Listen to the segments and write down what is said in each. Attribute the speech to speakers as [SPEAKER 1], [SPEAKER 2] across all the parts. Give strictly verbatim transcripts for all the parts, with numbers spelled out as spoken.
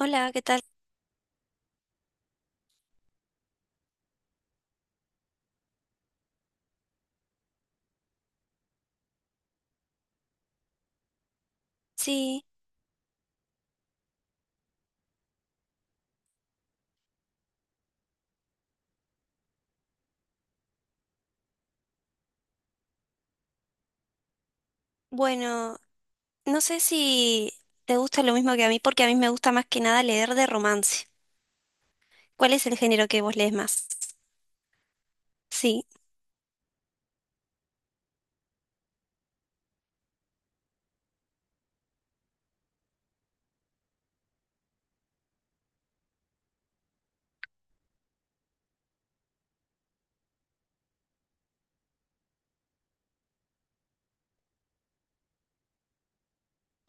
[SPEAKER 1] Hola, ¿qué tal? Sí, bueno, no sé si te gusta lo mismo que a mí, porque a mí me gusta más que nada leer de romance. ¿Cuál es el género que vos lees más? Sí.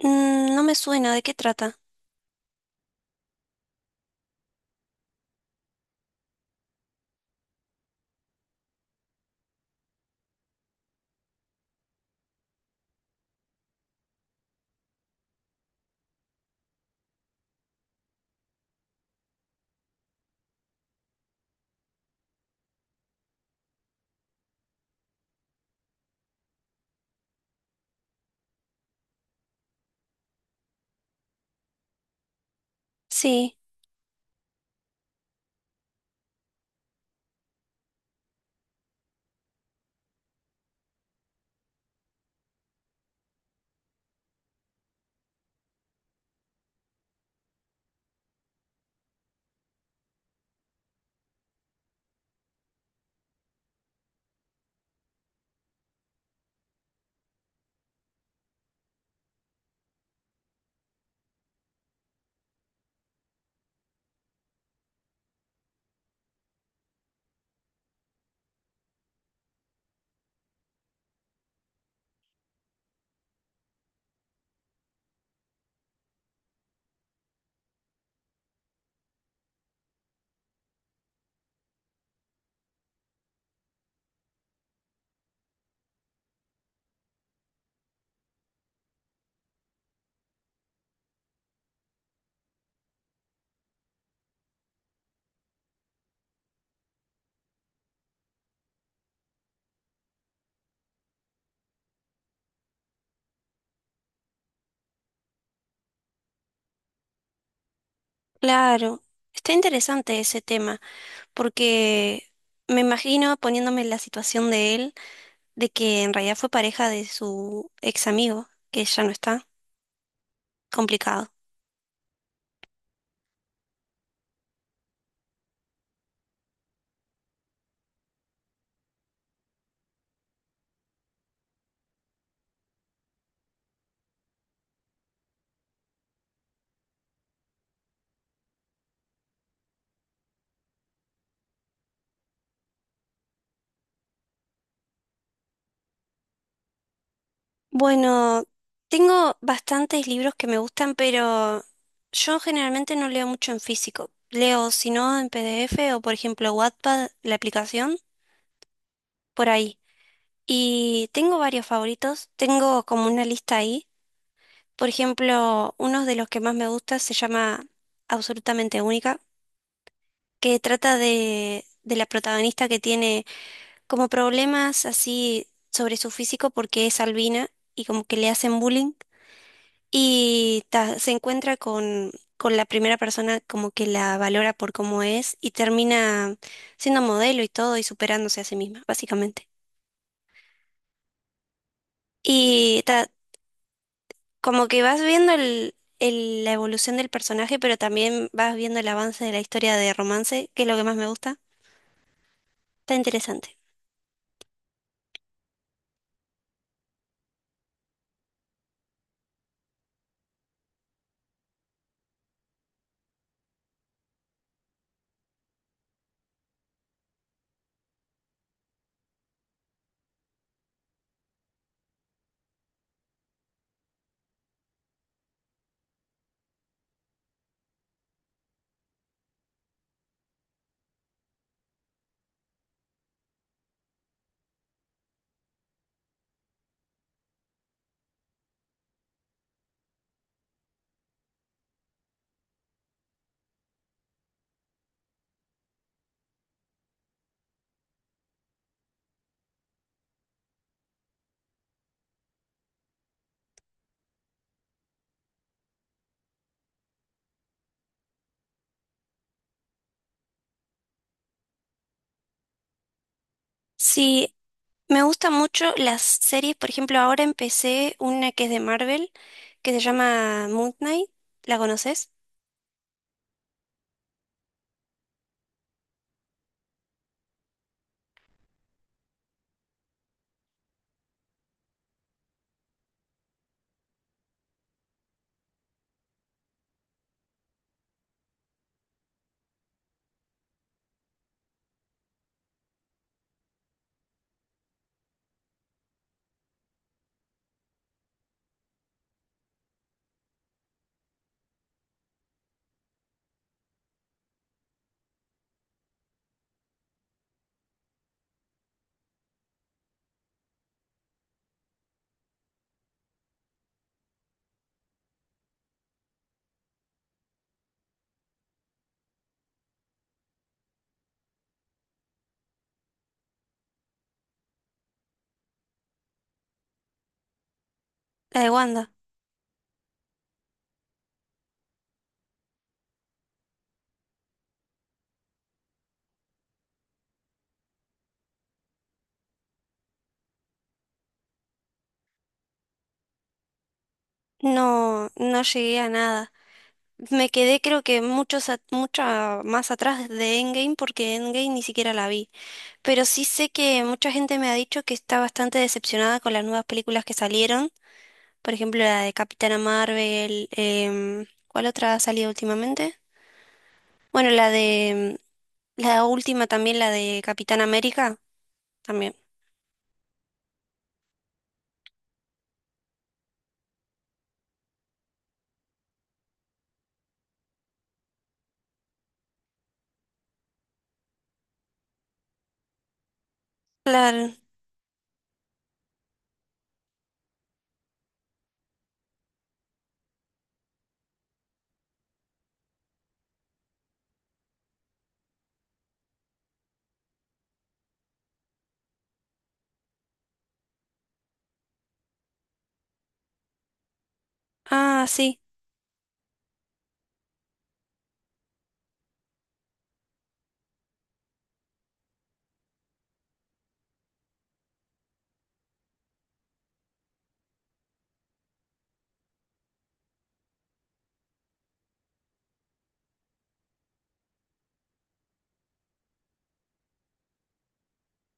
[SPEAKER 1] Mm, no me suena, ¿de qué trata? Sí, claro, está interesante ese tema, porque me imagino poniéndome en la situación de él, de que en realidad fue pareja de su ex amigo, que ya no está, complicado. Bueno, tengo bastantes libros que me gustan, pero yo generalmente no leo mucho en físico. Leo, si no, en P D F o, por ejemplo, Wattpad, la aplicación, por ahí. Y tengo varios favoritos. Tengo como una lista ahí. Por ejemplo, uno de los que más me gusta se llama Absolutamente Única, que trata de, de la protagonista que tiene como problemas así sobre su físico porque es albina y como que le hacen bullying. Y ta, se encuentra con, con la primera persona como que la valora por cómo es y termina siendo modelo y todo y superándose a sí misma, básicamente. Y ta, como que vas viendo el, el- la evolución del personaje, pero también vas viendo el avance de la historia de romance, que es lo que más me gusta. Está interesante. Sí, me gustan mucho las series. Por ejemplo, ahora empecé una que es de Marvel, que se llama Moon Knight. ¿La conoces? La de Wanda. No, no llegué a nada. Me quedé creo que muchos a- mucha más atrás de Endgame porque Endgame ni siquiera la vi. Pero sí sé que mucha gente me ha dicho que está bastante decepcionada con las nuevas películas que salieron. Por ejemplo, la de Capitana Marvel. Em, ¿cuál otra ha salido últimamente? Bueno, la de... La última también, la de Capitán América. También. Claro. Ah, sí.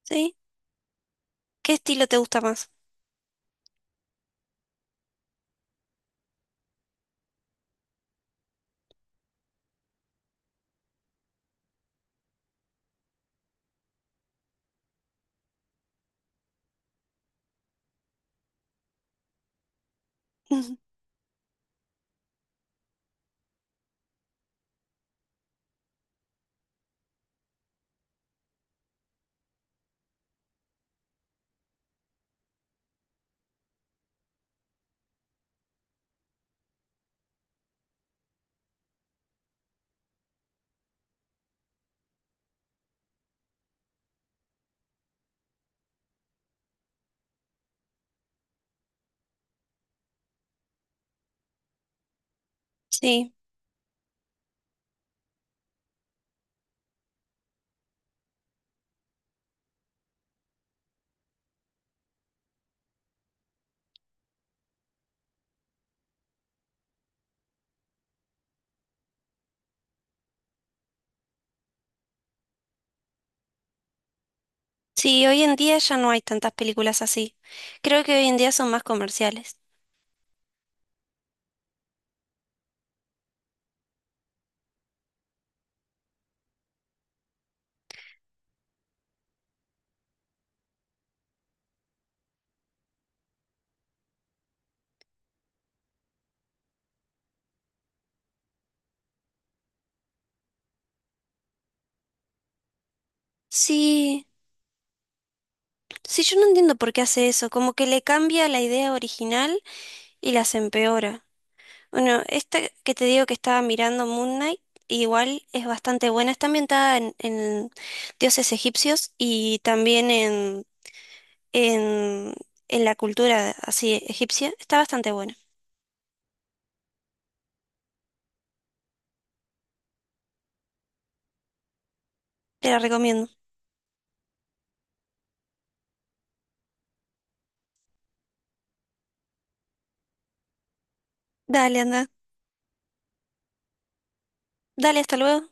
[SPEAKER 1] Sí. ¿Qué estilo te gusta más? Sí. Sí, hoy en día ya no hay tantas películas así. Creo que hoy en día son más comerciales. Sí, sí, yo no entiendo por qué hace eso, como que le cambia la idea original y las empeora. Bueno, esta que te digo que estaba mirando Moon Knight, igual es bastante buena, está ambientada en, en dioses egipcios y también en, en, en la cultura así egipcia, está bastante buena, te la recomiendo. Dale, anda, dale, hasta luego.